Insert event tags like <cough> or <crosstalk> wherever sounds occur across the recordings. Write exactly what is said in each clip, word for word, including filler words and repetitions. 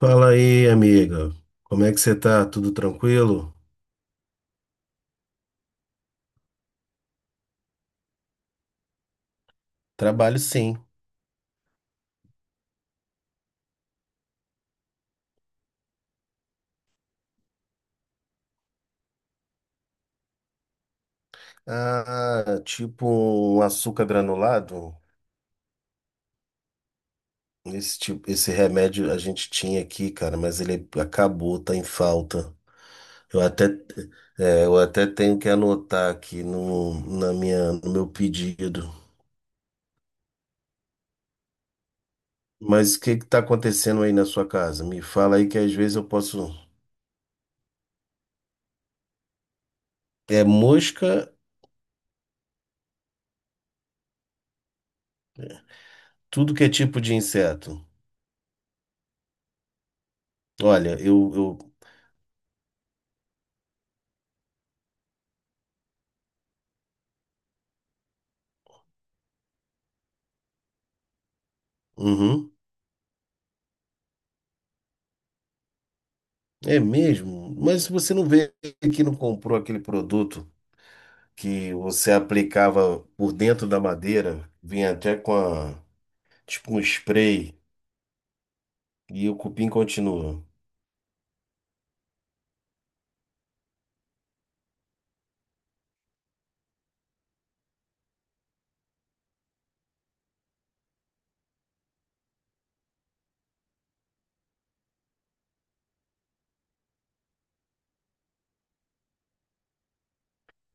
Fala aí, amiga. Como é que você tá? Tudo tranquilo? Trabalho sim. Ah, tipo um açúcar granulado. Esse tipo, esse remédio a gente tinha aqui, cara, mas ele acabou, tá em falta. Eu até, é, eu até tenho que anotar aqui no, na minha, no meu pedido. Mas o que que tá acontecendo aí na sua casa? Me fala aí que às vezes eu posso. É mosca, tudo que é tipo de inseto. Olha, eu, eu... Uhum. É mesmo? Mas você não vê que não comprou aquele produto que você aplicava por dentro da madeira, vinha até com a, tipo um spray e o cupim continua.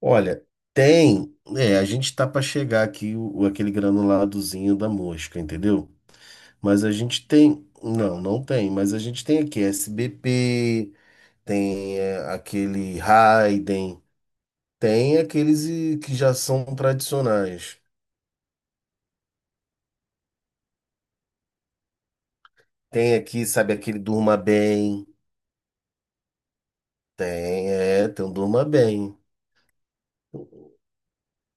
Olha, tem, é, a gente tá para chegar aqui o, aquele granuladozinho da mosca, entendeu? Mas a gente tem, não, não tem, mas a gente tem aqui S B P, tem é, aquele Raiden, tem aqueles eh, que já são tradicionais. Tem aqui, sabe, aquele durma bem. Tem, é, tem um durma bem.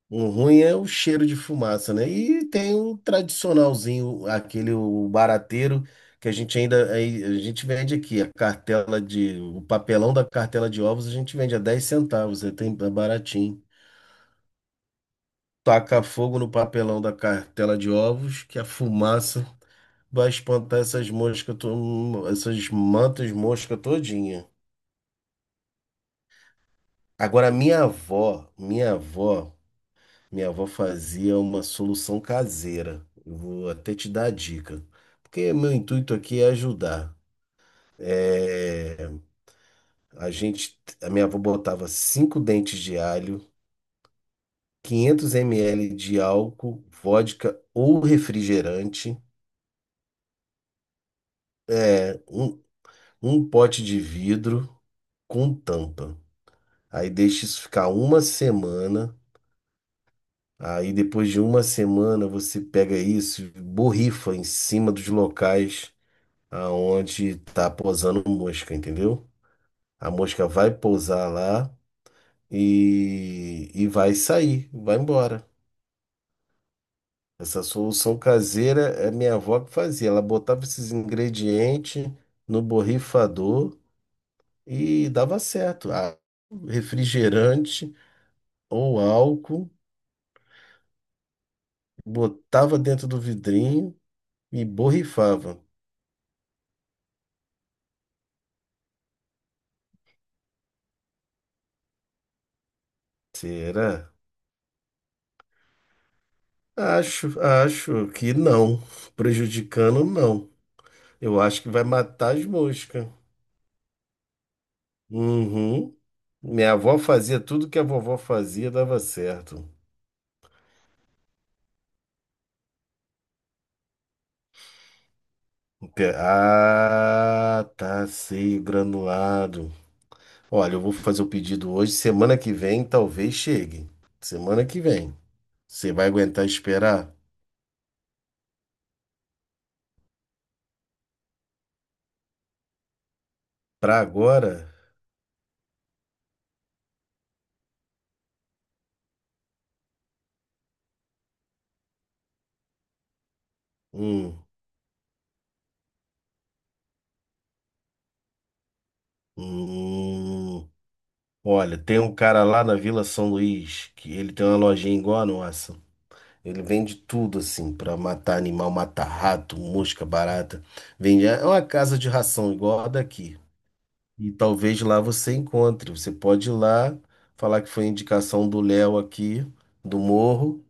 Um ruim é o cheiro de fumaça, né? E tem um tradicionalzinho, aquele o barateiro, que a gente ainda, aí, a gente vende aqui, a cartela de, o papelão da cartela de ovos a gente vende a dez centavos, é tem é baratinho. Taca fogo no papelão da cartela de ovos, que a fumaça vai espantar essas moscas, to- essas mantas mosca todinha. Agora, minha avó, minha avó, Minha avó fazia uma solução caseira. Eu vou até te dar a dica, porque meu intuito aqui é ajudar. É, a gente, a minha avó botava cinco dentes de alho, quinhentos mililitros de álcool, vodka ou refrigerante, é, um, um pote de vidro com tampa. Aí deixa isso ficar uma semana. Aí depois de uma semana você pega isso, e borrifa em cima dos locais aonde tá pousando mosca, entendeu? A mosca vai pousar lá e, e vai sair, vai embora. Essa solução caseira é minha avó que fazia. Ela botava esses ingredientes no borrifador e dava certo. Ah, refrigerante ou álcool, botava dentro do vidrinho e borrifava. Será? Acho, acho que não. Prejudicando, não. Eu acho que vai matar as moscas. Uhum. Minha avó fazia tudo que a vovó fazia, dava certo. Pe- Ah, tá, sei, granulado. Olha, eu vou fazer o pedido hoje. Semana que vem talvez chegue. Semana que vem. Você vai aguentar esperar? Pra agora? Hum, hum. hum. Olha, tem um cara lá na Vila São Luís que ele tem uma lojinha igual a nossa. Ele vende tudo assim, pra matar animal, matar rato, mosca, barata. Vende é uma casa de ração igual a daqui. E talvez lá você encontre. Você pode ir lá falar que foi indicação do Léo aqui, do Morro.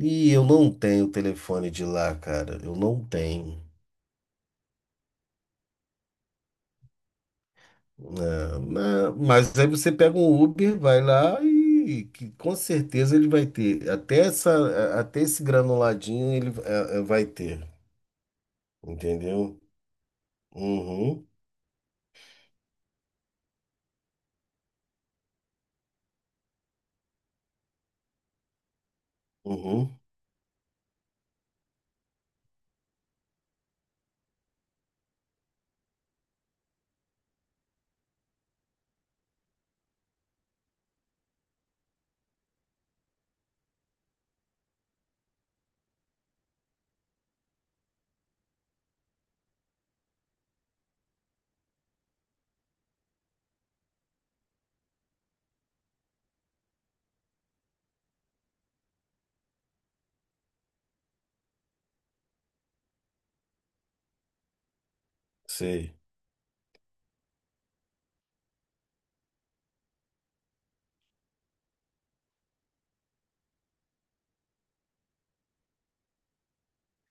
E eu não tenho o telefone de lá, cara. Eu não tenho. É, na- mas aí você pega um Uber, vai lá e que com certeza ele vai ter. Até essa, até esse granuladinho ele eh, eh, vai ter. Entendeu? Uhum. Uhum, sei.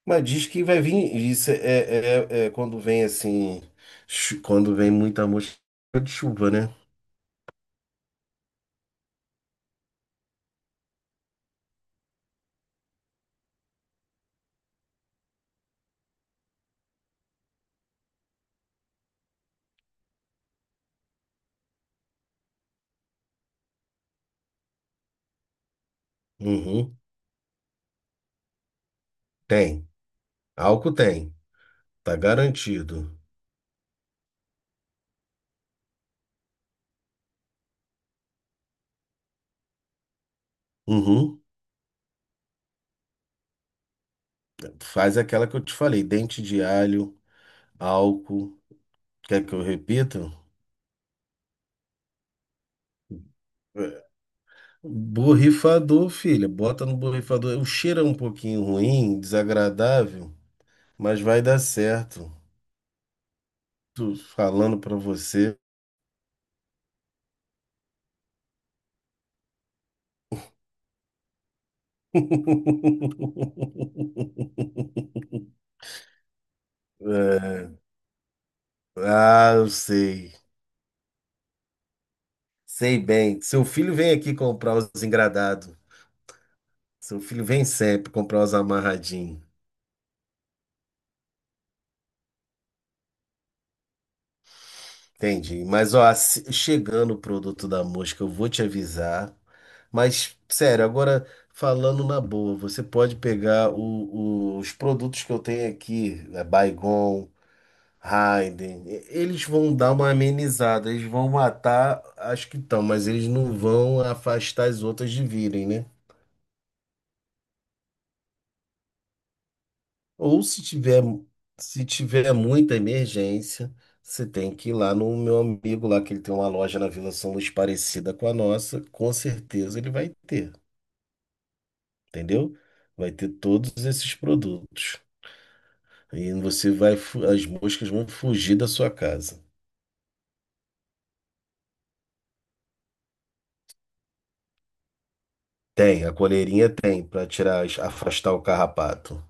Mas diz que vai vir, isso é, é, é- é quando vem assim, chu- quando vem muita mosca de chuva, né? Uhum, tem. Álcool tem, tá garantido. Uhum, faz aquela que eu te falei, dente de alho, álcool, quer que eu repita? É. Borrifador, filha, bota no borrifador. O cheiro é um pouquinho ruim, desagradável, mas vai dar certo. Tô falando pra você. <laughs> É. Ah, eu sei. Sei bem. Seu filho vem aqui comprar os engradados. Seu filho vem sempre comprar os amarradinhos. Entendi. Mas, ó, se- chegando o produto da mosca, eu vou te avisar. Mas, sério, agora falando na boa, você pode pegar o- o- os produtos que eu tenho aqui, né, Baygon. Raiden, e- eles vão dar uma amenizada, eles vão matar as que estão, mas eles não vão afastar as outras de virem, né? Ou se tiver, se tiver muita emergência, você tem que ir lá no meu amigo lá, que ele tem uma loja na Vila São Luís parecida com a nossa, com certeza ele vai ter, entendeu? Vai ter todos esses produtos. E você vai, fu- as moscas vão fugir da sua casa. Tem, a coleirinha tem, para tirar, as- afastar o carrapato.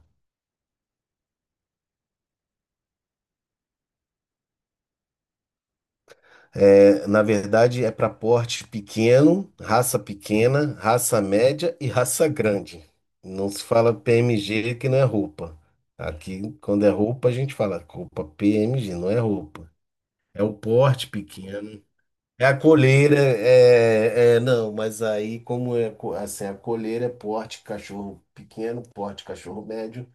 É, na verdade, é para porte pequeno, raça pequena, raça média e raça grande. Não se fala P M G que não é roupa. Aqui, quando é roupa, a gente fala roupa P M G, não é roupa. É o porte pequeno. É a coleira, é, é- não, mas aí como é co- assim, a coleira é porte cachorro pequeno, porte cachorro médio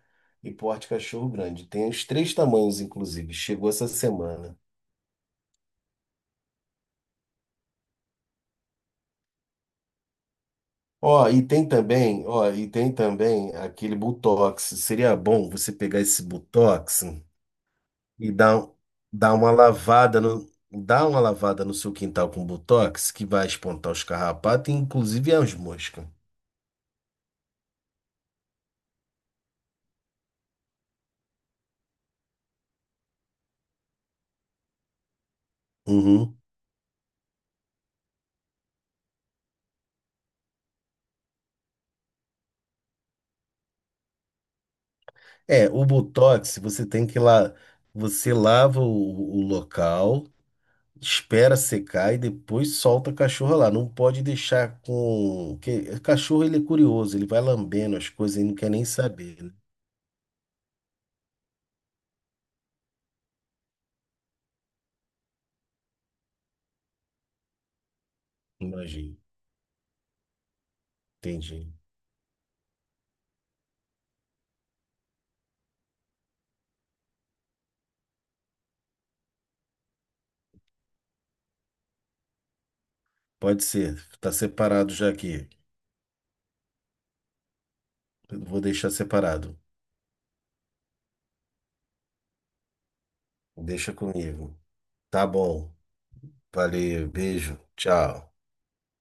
e porte cachorro grande. Tem os três tamanhos, inclusive. Chegou essa semana. Ó, e tem também, ó, e tem também aquele Botox. Seria bom você pegar esse Botox e dar, um- dar uma lavada no, dar uma lavada no seu quintal com Botox, que vai espantar os carrapatos, e inclusive as moscas. Uhum. É, o Botox, você tem que lá, você lava o, o local, espera secar e depois solta a cachorra lá. Não pode deixar com, que cachorro ele é curioso, ele vai lambendo as coisas e não quer nem saber, né? Imagina. Entendi. Pode ser. Tá separado já aqui. Eu vou deixar separado. Deixa comigo. Tá bom. Valeu. Beijo. Tchau.